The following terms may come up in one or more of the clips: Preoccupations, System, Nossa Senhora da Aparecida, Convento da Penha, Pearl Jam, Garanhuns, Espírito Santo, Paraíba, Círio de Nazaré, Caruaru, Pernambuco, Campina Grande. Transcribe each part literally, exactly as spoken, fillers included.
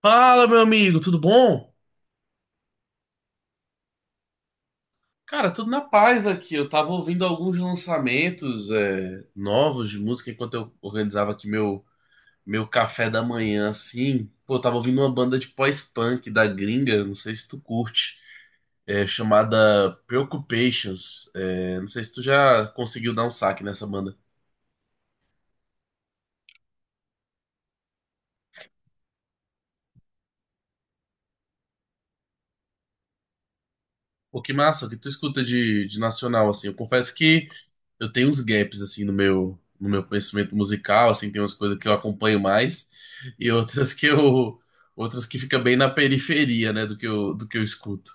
Fala, meu amigo, tudo bom? Cara, tudo na paz aqui. Eu tava ouvindo alguns lançamentos é, novos de música enquanto eu organizava aqui meu, meu café da manhã, assim. Pô, eu tava ouvindo uma banda de pós-punk da gringa, não sei se tu curte, é, chamada Preoccupations. É, não sei se tu já conseguiu dar um saque nessa banda. Pô, que massa, o que tu escuta de, de nacional, assim. Eu confesso que eu tenho uns gaps assim no meu no meu conhecimento musical, assim, tem umas coisas que eu acompanho mais e outras que eu outras que fica bem na periferia, né, do que eu do que eu escuto.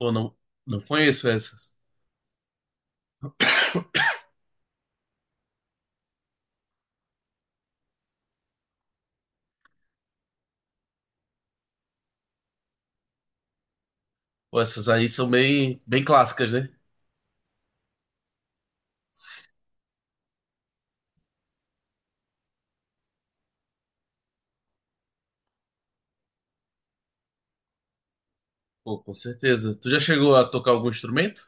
Ou não, não conheço essas. Pô, essas aí são bem bem clássicas, né? Pô, com certeza. Tu já chegou a tocar algum instrumento?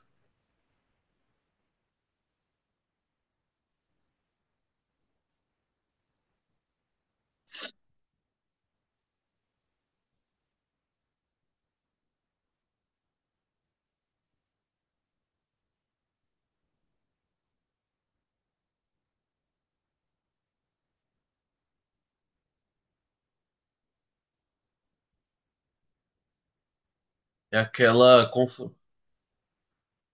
É aquela confu...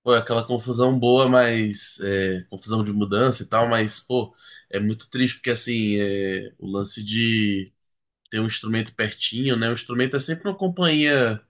Pô, é aquela confusão boa, mas é, confusão de mudança e tal, mas pô, é muito triste porque assim, é, o lance de ter um instrumento pertinho, né? O instrumento é sempre uma companhia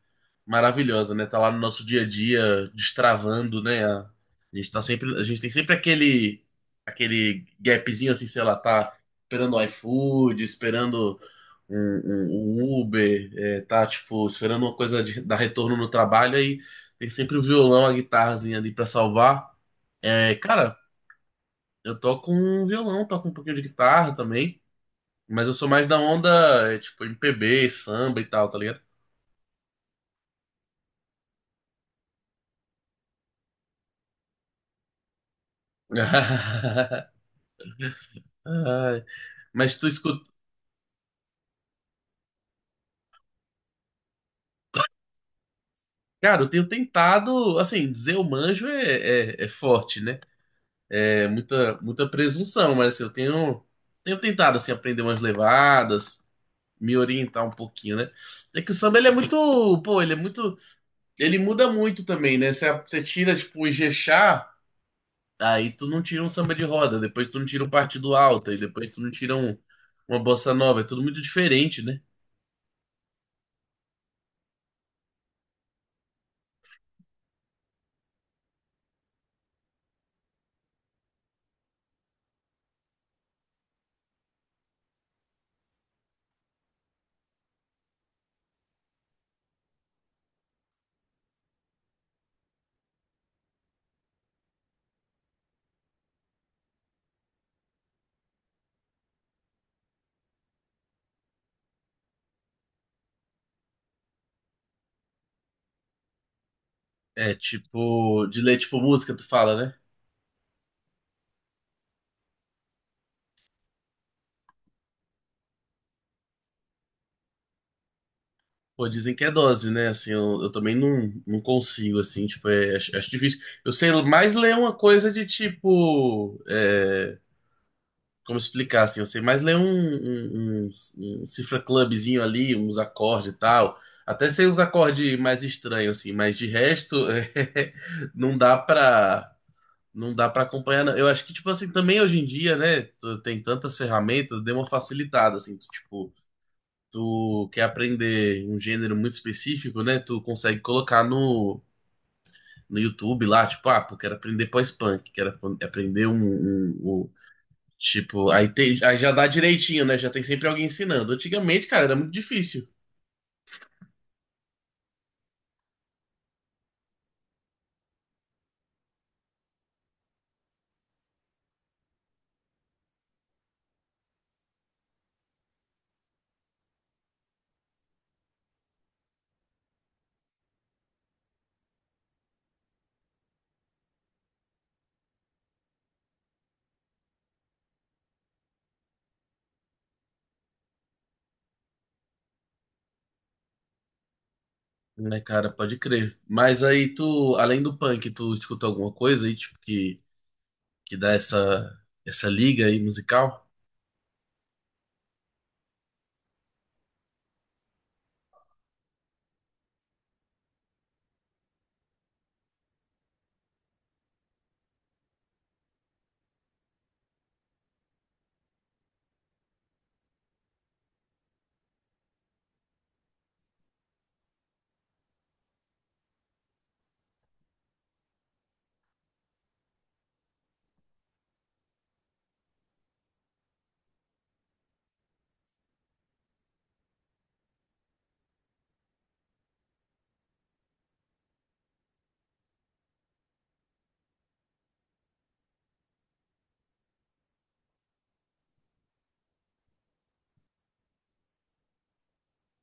maravilhosa, né? Tá lá no nosso dia a dia, destravando, né? A, a gente tá sempre, a gente tem sempre aquele aquele gapzinho assim, sei lá, tá esperando o iFood, esperando um, um- um Uber, é, tá tipo esperando uma coisa de, dar retorno no trabalho aí tem sempre o violão, a guitarrazinha ali pra salvar. É, cara, eu toco um violão, toco um pouquinho de guitarra também. Mas eu sou mais da onda, é, tipo, M P B, samba e tal, tá ligado? Ai, mas tu escuta. Cara, eu tenho tentado, assim, dizer eu manjo é, é, é forte, né? É muita, muita presunção, mas assim, eu tenho, tenho tentado, assim, aprender umas levadas, me orientar um pouquinho, né? É que o samba, ele é muito, pô, ele é muito, ele muda muito também, né? Você, você tira, tipo, o Ijexá, aí tu não tira um samba de roda, depois tu não tira um partido alto, e depois tu não tira um, uma bossa nova. É tudo muito diferente, né? É tipo, de ler tipo música, tu fala, né? Pô, dizem que é dose, né? Assim, eu, eu também não, não consigo, assim, tipo, é, acho, acho difícil. Eu sei mais ler uma coisa de tipo, é, como explicar, assim, eu sei mais ler um, um, um, um cifra clubzinho ali, uns acordes e tal. Até sei uns acordes mais estranhos, assim, mas de resto, é, não dá pra, não dá pra acompanhar, não. Eu acho que, tipo assim, também hoje em dia, né? tu Tem tantas ferramentas, deu uma facilitada, assim. Tu, tipo, tu quer aprender um gênero muito específico, né? Tu consegue colocar no, no YouTube lá, tipo, ah, pô, quero aprender pós-punk, quero ap- aprender um, um- um- Tipo, aí, tem, aí já dá direitinho, né? Já tem sempre alguém ensinando. Antigamente, cara, era muito difícil. Né, cara, pode crer. Mas aí tu, além do punk, tu escuta alguma coisa aí, tipo, que que dá essa, essa liga aí musical?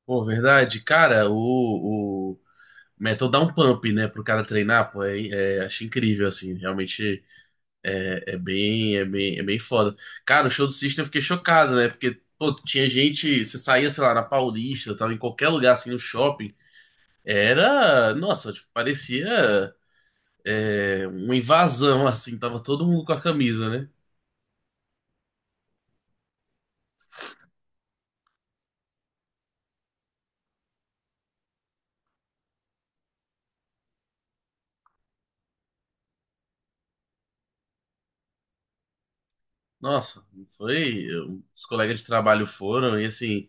Pô, verdade, cara, o, o metal dá um pump, né, pro cara treinar, pô, é, é, acho incrível, assim, realmente é, é bem, é bem, é bem foda. Cara, o show do System eu fiquei chocado, né, porque, pô, tinha gente, você saía, sei lá, na Paulista, tava em qualquer lugar, assim, no shopping, era, nossa, tipo, parecia é, uma invasão, assim, tava todo mundo com a camisa, né? Nossa, foi. Os colegas de trabalho foram e assim,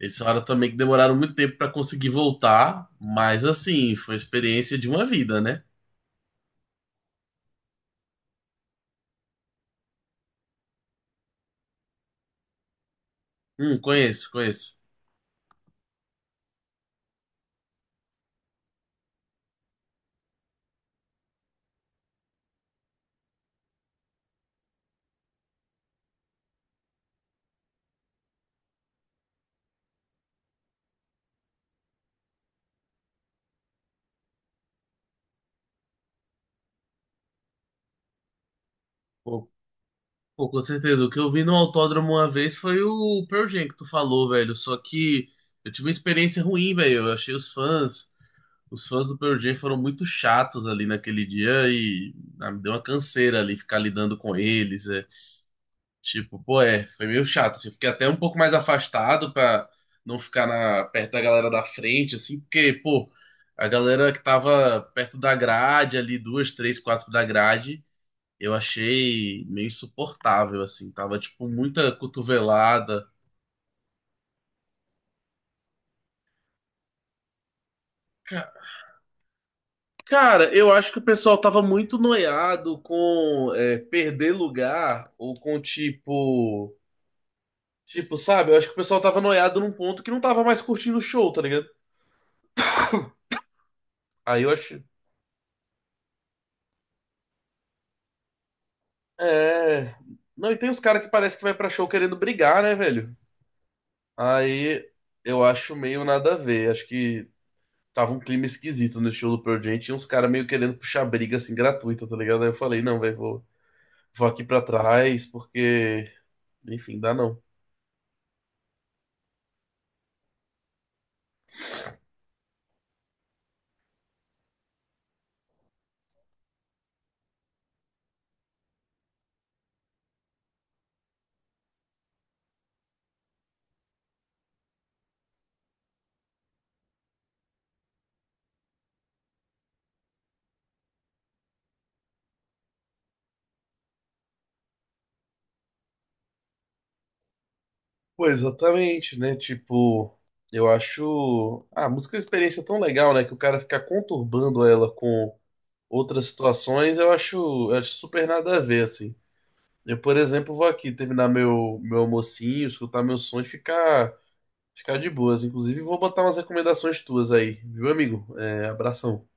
eles falaram também que demoraram muito tempo pra conseguir voltar, mas assim, foi a experiência de uma vida, né? Hum, conheço, conheço. Pô, Pô, com certeza. O que eu vi no autódromo uma vez foi o Pearl Jam que tu falou, velho. Só que eu tive uma experiência ruim, velho. Eu achei os fãs, os fãs do Pearl Jam foram muito chatos ali naquele dia e ah, me deu uma canseira ali ficar lidando com eles. É. Tipo, pô, é, foi meio chato, assim. Eu fiquei até um pouco mais afastado pra não ficar na, perto da galera da frente, assim, porque, pô, a galera que tava perto da grade ali, duas, três, quatro da grade. Eu achei meio insuportável, assim. Tava, tipo, muita cotovelada. Cara, eu acho que o pessoal tava muito noiado com é, perder lugar ou com, tipo. Tipo, sabe? Eu acho que o pessoal tava noiado num ponto que não tava mais curtindo o show, tá ligado? Aí eu acho. É. Não, e tem uns caras que parece que vai pra show querendo brigar, né, velho? Aí eu acho meio nada a ver. Acho que tava um clima esquisito no show do Pearl Jam. Tinha uns caras meio querendo puxar briga, assim, gratuita, tá ligado? Aí eu falei, não, velho, vou. vou aqui pra trás, porque, enfim, dá não. Pô, exatamente, né? Tipo, eu acho ah, a música é uma experiência tão legal, né? Que o cara ficar conturbando ela com outras situações, eu acho, eu acho super nada a ver, assim. Eu, por exemplo, vou aqui terminar meu, meu almocinho, escutar meu som e ficar, ficar de boas. Inclusive, vou botar umas recomendações tuas aí, viu, amigo? É, abração.